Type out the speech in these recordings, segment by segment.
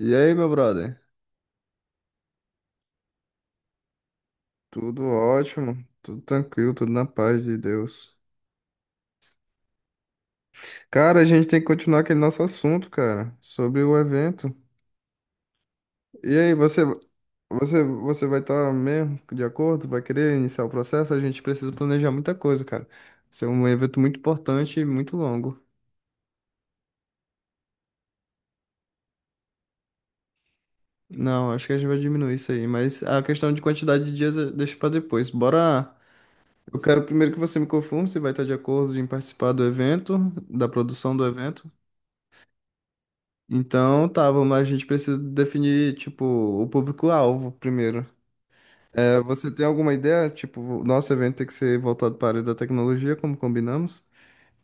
E aí, meu brother? Tudo ótimo, tudo tranquilo, tudo na paz de Deus. Cara, a gente tem que continuar aquele nosso assunto, cara, sobre o evento. E aí, você vai estar mesmo de acordo? Vai querer iniciar o processo? A gente precisa planejar muita coisa, cara. Isso é um evento muito importante e muito longo. Não, acho que a gente vai diminuir isso aí, mas a questão de quantidade de dias deixa pra depois. Bora. Eu quero primeiro que você me confirme se vai estar de acordo em participar do evento, da produção do evento. Então, tá, vamos lá, a gente precisa definir, tipo, o público-alvo primeiro. É, você tem alguma ideia? Tipo, o nosso evento tem que ser voltado para a área da tecnologia, como combinamos.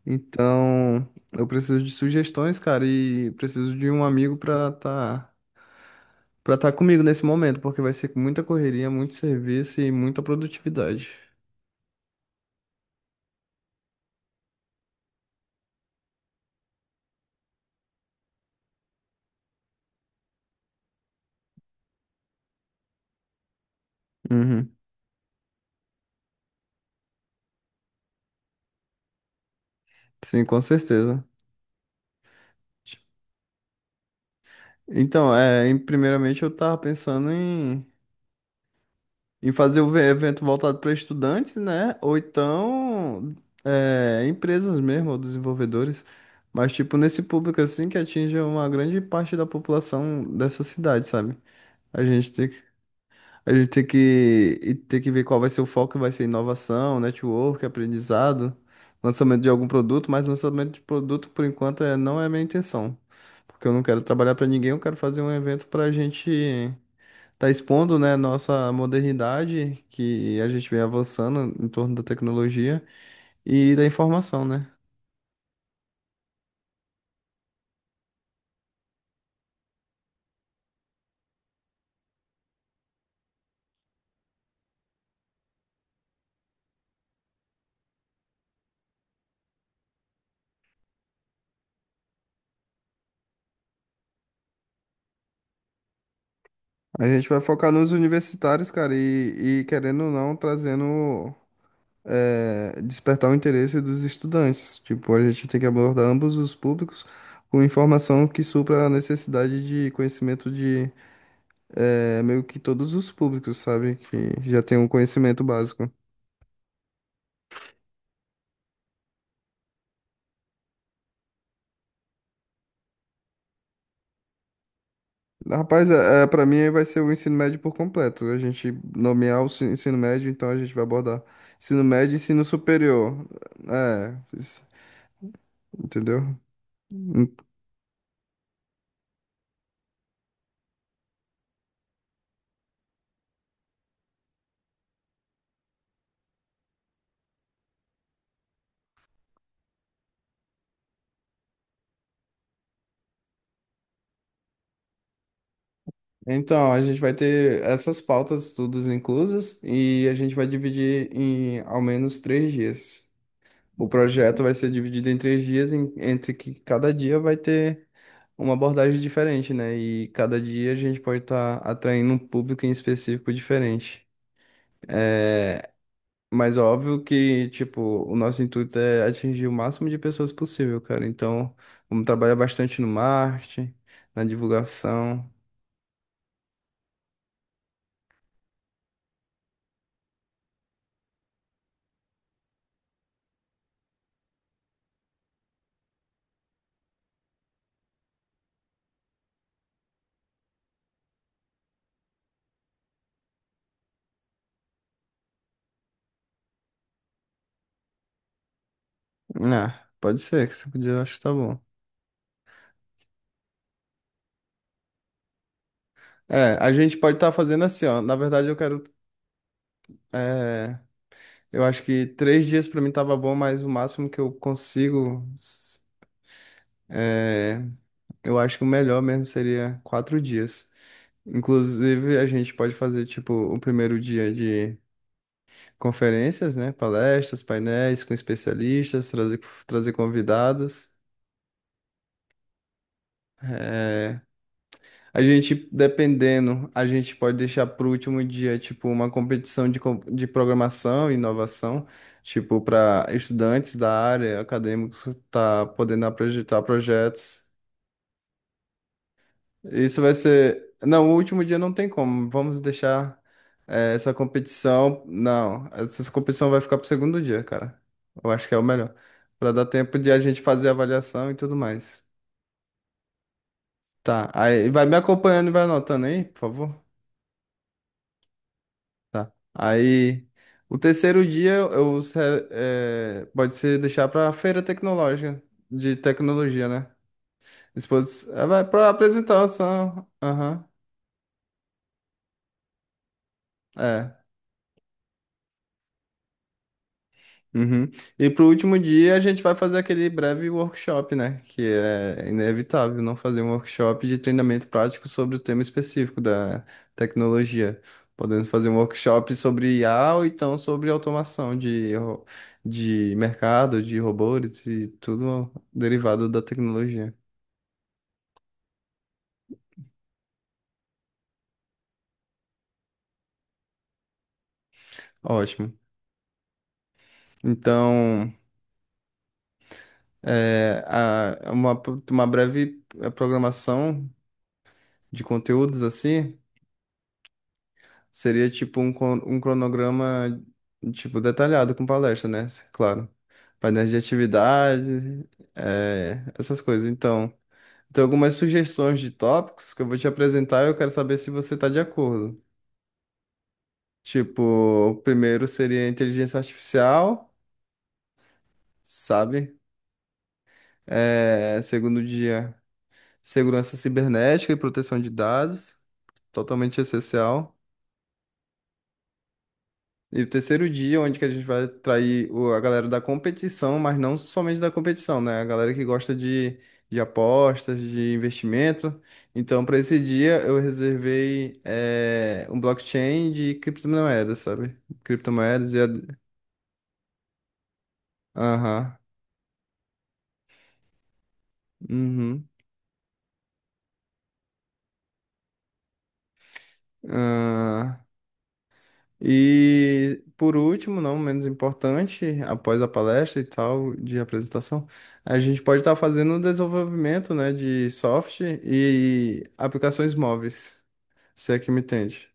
Então, eu preciso de sugestões, cara, e preciso de um amigo pra tá comigo nesse momento, porque vai ser muita correria, muito serviço e muita produtividade. Uhum. Sim, com certeza. Então, primeiramente eu tava pensando em fazer o evento voltado para estudantes, né? Ou então empresas mesmo, ou desenvolvedores. Mas, tipo, nesse público assim que atinge uma grande parte da população dessa cidade, sabe? A gente tem que, a gente tem que, e tem que ver qual vai ser o foco, vai ser inovação, network, aprendizado, lançamento de algum produto, mas lançamento de produto, por enquanto, não é a minha intenção. Porque eu não quero trabalhar para ninguém, eu quero fazer um evento para gente tá expondo, né, nossa modernidade, que a gente vem avançando em torno da tecnologia e da informação, né? A gente vai focar nos universitários, cara, e querendo ou não, trazendo, despertar o interesse dos estudantes. Tipo, a gente tem que abordar ambos os públicos com informação que supra a necessidade de conhecimento de, meio que todos os públicos, sabe? Que já tem um conhecimento básico. Rapaz, para mim aí vai ser o ensino médio por completo. A gente nomear ensino médio, então a gente vai abordar ensino médio e ensino superior. É, isso- entendeu? En- Então, a gente vai ter essas pautas todas inclusas e a gente vai dividir em ao menos 3 dias. O projeto vai ser dividido em 3 dias, entre que cada dia vai ter uma abordagem diferente, né? E cada dia a gente pode estar atraindo um público em específico diferente. Mas óbvio que, tipo, o nosso intuito é atingir o máximo de pessoas possível, cara. Então, vamos trabalhar bastante no marketing, na divulgação. Ah, pode ser, que 5 dias eu acho que tá bom. É, a gente pode estar fazendo assim, ó. Na verdade, eu quero. é, eu acho que 3 dias pra mim tava bom, mas o máximo que eu consigo. É, eu acho que o melhor mesmo seria 4 dias. Inclusive, a gente pode fazer, tipo, o primeiro dia de conferências, né? Palestras, painéis com especialistas, trazer, convidados. É, a gente, dependendo, a gente pode deixar para o último dia, tipo, uma competição de programação e inovação, tipo, para estudantes da área, acadêmicos, tá podendo apresentar projetos. Isso vai ser. Não, o último dia não tem como. Vamos deixar essa competição. Não, essa competição vai ficar pro segundo dia, cara. Eu acho que é o melhor. Pra dar tempo de a gente fazer a avaliação e tudo mais. Tá. Aí vai me acompanhando e vai anotando aí, por favor. Tá. Aí. O terceiro dia eu, se- eh, pode ser deixar para feira tecnológica, de tecnologia, né? Vai para apresentação. Aham. É. Uhum. E pro último dia a gente vai fazer aquele breve workshop, né? Que é inevitável não fazer um workshop de treinamento prático sobre o tema específico da tecnologia. Podemos fazer um workshop sobre IA ou então sobre automação de mercado, de robôs e tudo derivado da tecnologia. Ótimo. Então, é, a- uma, uma breve programação de conteúdos assim. Seria tipo um cronograma tipo detalhado com palestra, né? Claro. Painéis de atividades, essas coisas. Então, tem algumas sugestões de tópicos que eu vou te apresentar e eu quero saber se você está de acordo. Tipo, o primeiro seria inteligência artificial, sabe? É, segundo dia, segurança cibernética e proteção de dados, totalmente essencial. E o terceiro dia, onde que a gente vai atrair a galera da competição, mas não somente da competição, né? A galera que gosta de apostas, de investimento. Então, para esse dia, eu reservei um blockchain de criptomoedas, sabe? Criptomoedas. Aham. Uhum. Ah, e por último, não menos importante, após a palestra e tal de apresentação, a gente pode estar fazendo o desenvolvimento, né, de software e aplicações móveis, se é que me entende.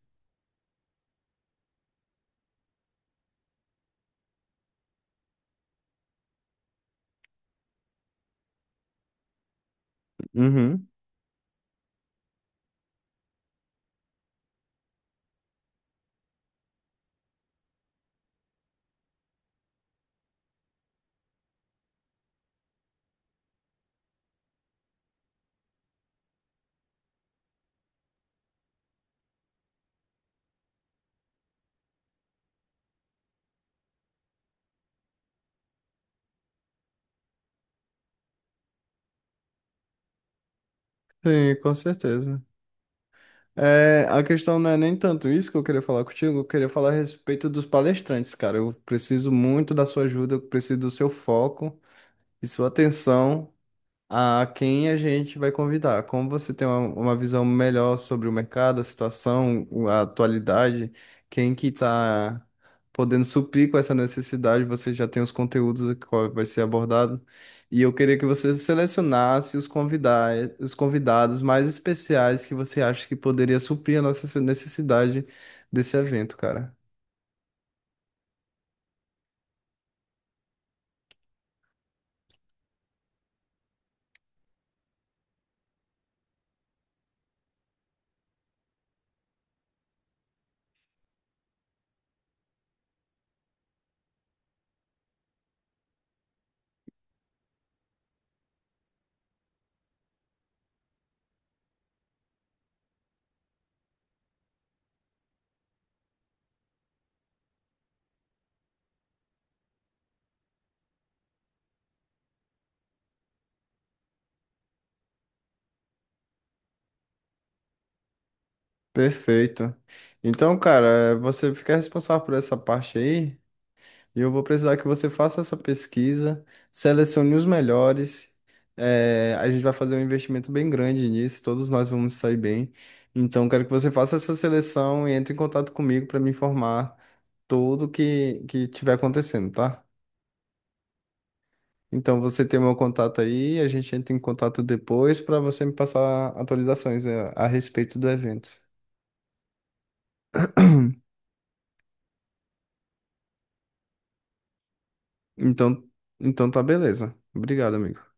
Uhum. Sim, com certeza. É, a questão não é nem tanto isso que eu queria falar contigo, eu queria falar a respeito dos palestrantes, cara. Eu preciso muito da sua ajuda, eu preciso do seu foco e sua atenção. A quem a gente vai convidar. Como você tem uma visão melhor sobre o mercado, a situação, a atualidade, quem que está podendo suprir com essa necessidade, você já tem os conteúdos que qual vai ser abordado. E eu queria que você selecionasse os convidados mais especiais que você acha que poderia suprir a nossa necessidade desse evento, cara. Perfeito. Então, cara, você fica responsável por essa parte aí. E eu vou precisar que você faça essa pesquisa, selecione os melhores. A gente vai fazer um investimento bem grande nisso, todos nós vamos sair bem. Então, quero que você faça essa seleção e entre em contato comigo para me informar tudo que tiver acontecendo, tá? Então, você tem o meu contato aí, a gente entra em contato depois para você me passar atualizações a respeito do evento. Então, então tá beleza. Obrigado, amigo.